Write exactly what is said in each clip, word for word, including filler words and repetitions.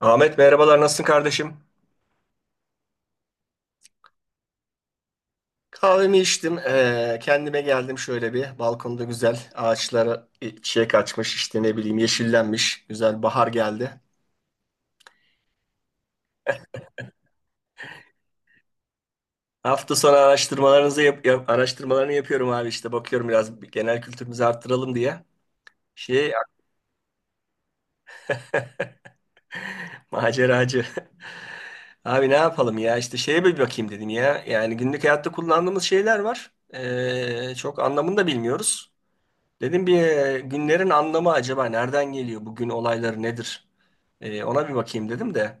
Ahmet, merhabalar, nasılsın kardeşim? Kahvemi içtim. Eee, kendime geldim şöyle bir. Balkonda güzel, ağaçlara çiçek açmış, işte ne bileyim, yeşillenmiş. Güzel, bahar geldi. Hafta sonu araştırmalarınızı yap, yap- araştırmalarını yapıyorum abi, işte bakıyorum, biraz genel kültürümüzü arttıralım diye. Şey maceracı. Abi ne yapalım ya, işte şeye bir bakayım dedim ya. Yani günlük hayatta kullandığımız şeyler var. Eee, çok anlamını da bilmiyoruz. Dedim bir e, günlerin anlamı acaba nereden geliyor? Bugün olayları nedir? E, ona bir bakayım dedim de.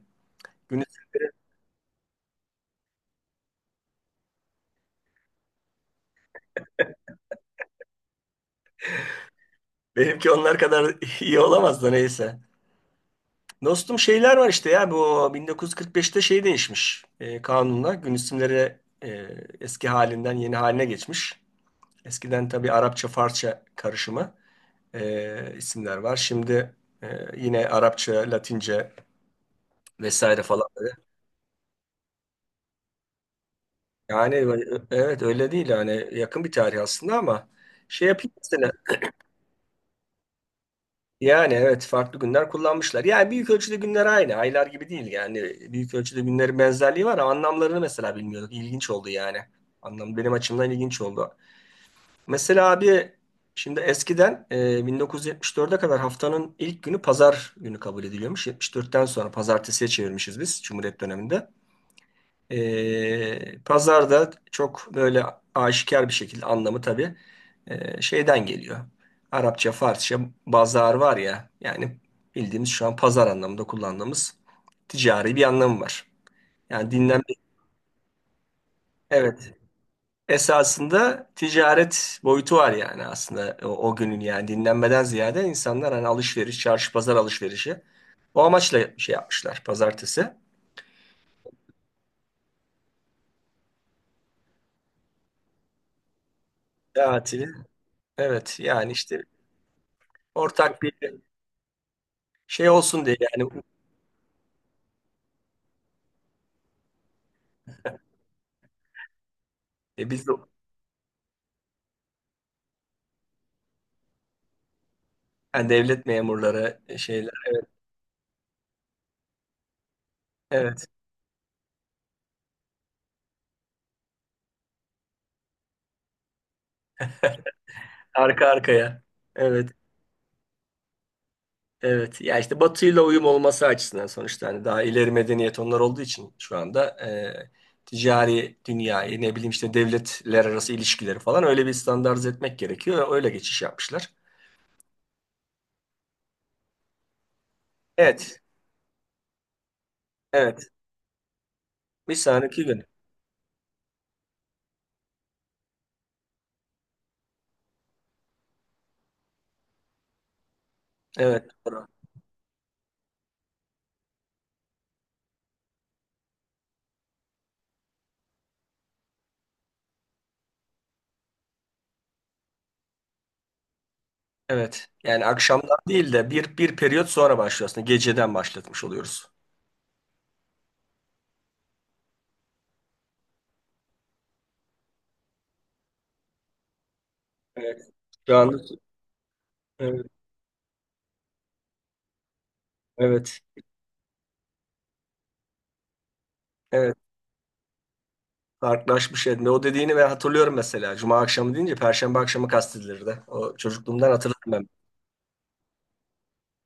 Gün- Benimki onlar kadar iyi olamaz da neyse. Dostum şeyler var işte ya, bu bin dokuz yüz kırk beşte şey değişmiş e, kanunla. Gün isimleri e, eski halinden yeni haline geçmiş. Eskiden tabii Arapça, Farsça karışımı e, isimler var. Şimdi e, yine Arapça, Latince vesaire falan. Yani e, e, evet, öyle değil yani, yakın bir tarih aslında ama şey yapayım mesela. Yani evet, farklı günler kullanmışlar. Yani büyük ölçüde günler, aynı aylar gibi değil yani, büyük ölçüde günlerin benzerliği var ama anlamlarını mesela bilmiyorduk, ilginç oldu yani. Anlam benim açımdan ilginç oldu. Mesela abi, şimdi eskiden e, bin dokuz yüz yetmiş dörde kadar haftanın ilk günü pazar günü kabul ediliyormuş, yetmiş dörtten sonra pazartesiye çevirmişiz biz Cumhuriyet döneminde. E, pazarda çok böyle aşikar bir şekilde anlamı tabii e, şeyden geliyor. Arapça, Farsça, bazar var ya yani, bildiğimiz şu an pazar anlamında kullandığımız, ticari bir anlamı var. Yani dinlenme, evet, esasında ticaret boyutu var yani aslında o, o günün, yani dinlenmeden ziyade insanlar hani alışveriş, çarşı pazar alışverişi, o amaçla şey yapmışlar, pazartesi. Tatili. Evet yani işte, ortak bir şey olsun diye yani. E, biz de yani devlet memurları e, şeyler. Evet. Arka arkaya. Evet. Evet. Ya işte Batı'yla uyum olması açısından, sonuçta hani daha ileri medeniyet onlar olduğu için şu anda e, ticari dünyayı ne bileyim, işte devletler arası ilişkileri falan, öyle bir standartize etmek gerekiyor. Öyle geçiş yapmışlar. Evet. Evet. Bir sonraki gün. Evet. Doğru. Evet. Yani akşamdan değil de bir bir periyot sonra başlıyorsun. Geceden başlatmış oluyoruz. Evet. Şu anda, evet. Evet. Evet, farklılaşmış yerinde. O dediğini ben hatırlıyorum mesela. Cuma akşamı deyince Perşembe akşamı kastedilirdi. O çocukluğumdan hatırlarım ben.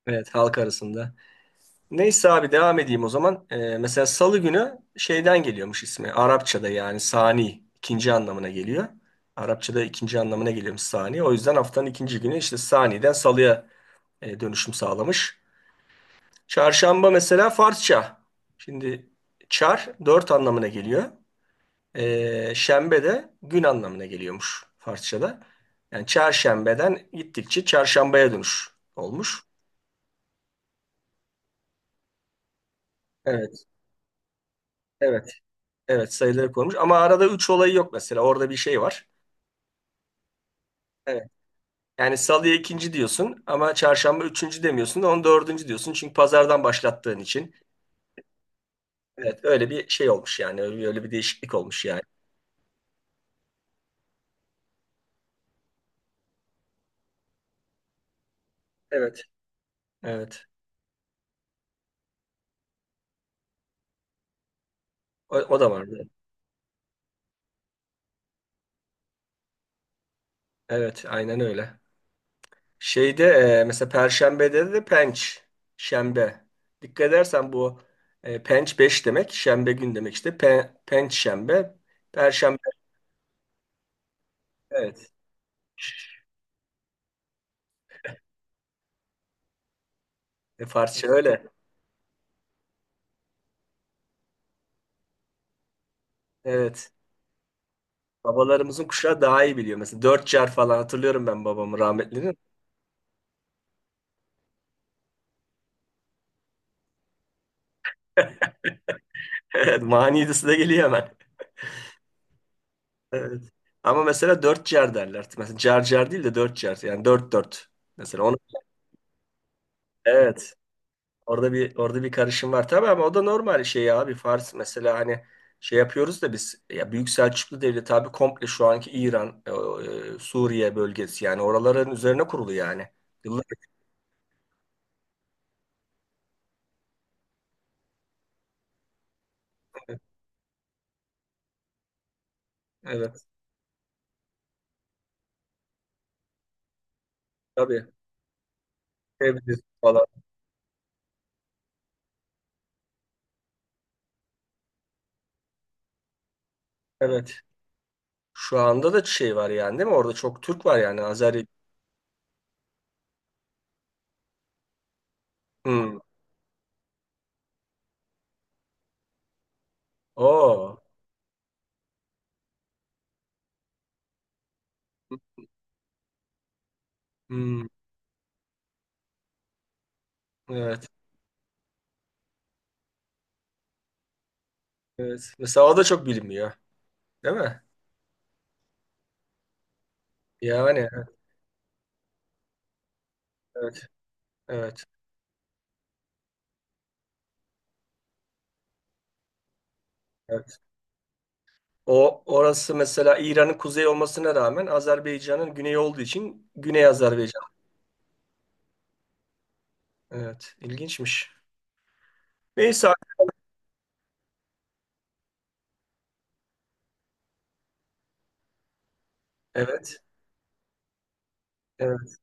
Evet, halk arasında. Neyse abi, devam edeyim o zaman. Ee, mesela Salı günü şeyden geliyormuş ismi. Arapçada yani sani, ikinci anlamına geliyor. Arapçada ikinci anlamına geliyormuş sani. O yüzden haftanın ikinci günü işte saniden salıya e, dönüşüm sağlamış. Çarşamba mesela Farsça. Şimdi çar, dört anlamına geliyor. Ee, şembe de gün anlamına geliyormuş Farsça'da. Yani çarşembeden gittikçe çarşambaya dönüş olmuş. Evet, evet, evet, sayıları konmuş. Ama arada üç olayı yok mesela. Orada bir şey var. Evet. Yani salıya ikinci diyorsun ama çarşamba üçüncü demiyorsun da onu dördüncü diyorsun. Çünkü pazardan başlattığın için. Evet, öyle bir şey olmuş yani. Öyle, öyle bir değişiklik olmuş yani. Evet. Evet. O, o da vardı. Evet, aynen öyle. Şeyde e, mesela Perşembe'de de penç, şembe. Dikkat edersen bu e, penç beş demek, şembe gün demek işte. Pe, penç şembe, Perşembe, evet. E, Farsça öyle. Evet. Babalarımızın kuşağı daha iyi biliyor. Mesela dört car falan hatırlıyorum ben babamı rahmetlinin. Evet, manidası da geliyor hemen. Evet. Ama mesela dört car derler. Mesela car car değil de dört car. Yani dört dört. Mesela onu. Evet. Orada bir orada bir karışım var tabii ama o da normal şey abi, Fars mesela hani şey yapıyoruz da biz ya, Büyük Selçuklu Devleti abi, komple şu anki İran, e, e, Suriye bölgesi, yani oraların üzerine kurulu yani. Yıllar, evet, tabii Tebriz falan, evet. Şu anda da şey var yani, değil mi? Orada çok Türk var yani, Azeri. Hmm. Oo. Hmm. Evet. Evet. Mesela o da çok bilinmiyor, değil mi? Yani evet. Evet. Evet. O, orası mesela İran'ın kuzey olmasına rağmen Azerbaycan'ın güneyi olduğu için Güney Azerbaycan. Evet, ilginçmiş. Neyse, evet. Evet.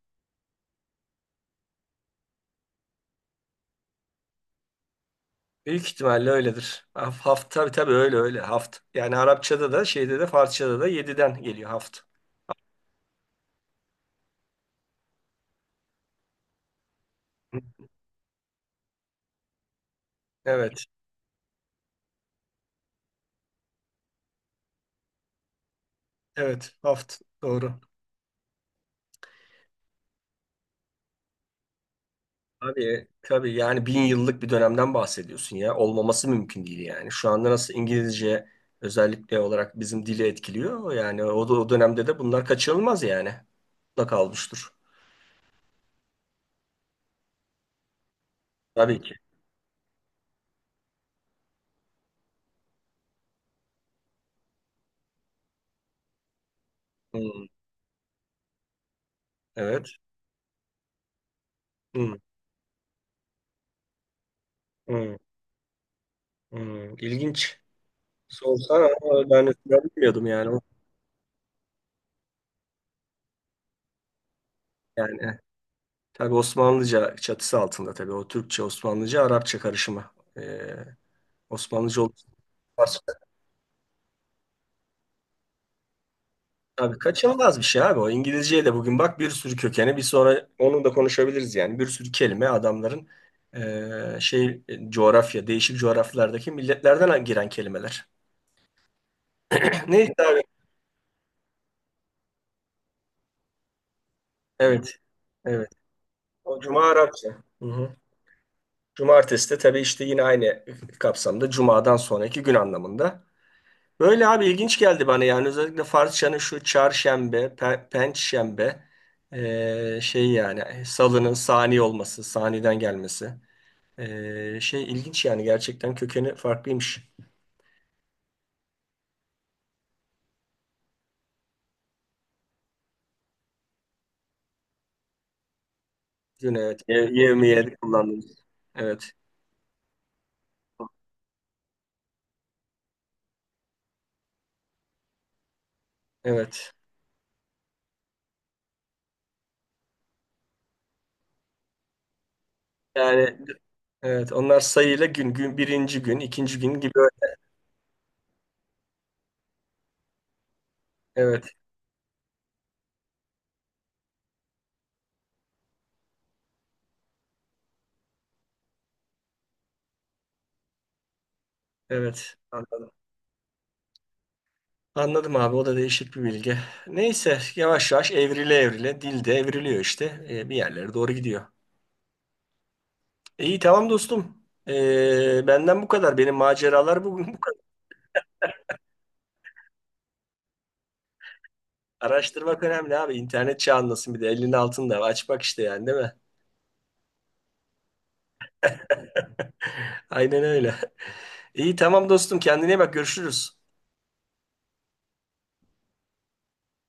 Büyük ihtimalle öyledir. Haf- Haft, tabii tabii, öyle öyle haft. Yani Arapçada da, şeyde de, Farsçada da yediden geliyor haft. Evet. Evet, haft, doğru. Tabii, tabii yani bin yıllık bir dönemden bahsediyorsun ya. Olmaması mümkün değil yani. Şu anda nasıl İngilizce özellikle olarak bizim dili etkiliyor. Yani o, da- o dönemde de bunlar kaçınılmaz yani. Mutlaka olmuştur. Tabii ki. Hmm, evet. Hmm, hmm, hmm. İlginç. Sorsana ama ben, ben bilmiyordum yani. O- Yani tabii Osmanlıca çatısı altında tabii. O Türkçe, Osmanlıca, Arapça karışımı. Ee, Osmanlıca olması. Tabii kaçınılmaz bir şey abi o. İngilizceye de bugün bak bir sürü kökeni, bir sonra onu da konuşabiliriz yani. Bir sürü kelime adamların eee, şey e, coğrafya, değişik coğrafyalardaki milletlerden giren kelimeler. Neyse abi. Evet. Evet. O Cuma Arapça. Hı hı. Cumartesi de tabii işte, yine aynı kapsamda, Cuma'dan sonraki gün anlamında. Böyle abi, ilginç geldi bana yani özellikle Farsçanın şu çarşembe, pe- pençşembe, eee, şey yani salının sani olması, saniden gelmesi. Ee, şey ilginç yani, gerçekten kökeni farklıymış. Yine evet. Ye- Yevmiye kullandığımız. Evet. Evet. Yani evet, onlar sayıyla gün gün, birinci gün, ikinci gün gibi. Evet. Evet. Anladım. Anladım abi, o da değişik bir bilgi. Neyse, yavaş yavaş, evrile evrile dil de evriliyor işte. Ee, bir yerlere doğru gidiyor. İyi, tamam dostum. Ee, benden bu kadar. Benim maceralar bugün bu kadar. Araştırmak önemli abi. İnternet çağındasın bir de, elinin altında. Aç bak işte yani, değil mi? Aynen öyle. İyi, tamam dostum, kendine iyi bak, görüşürüz.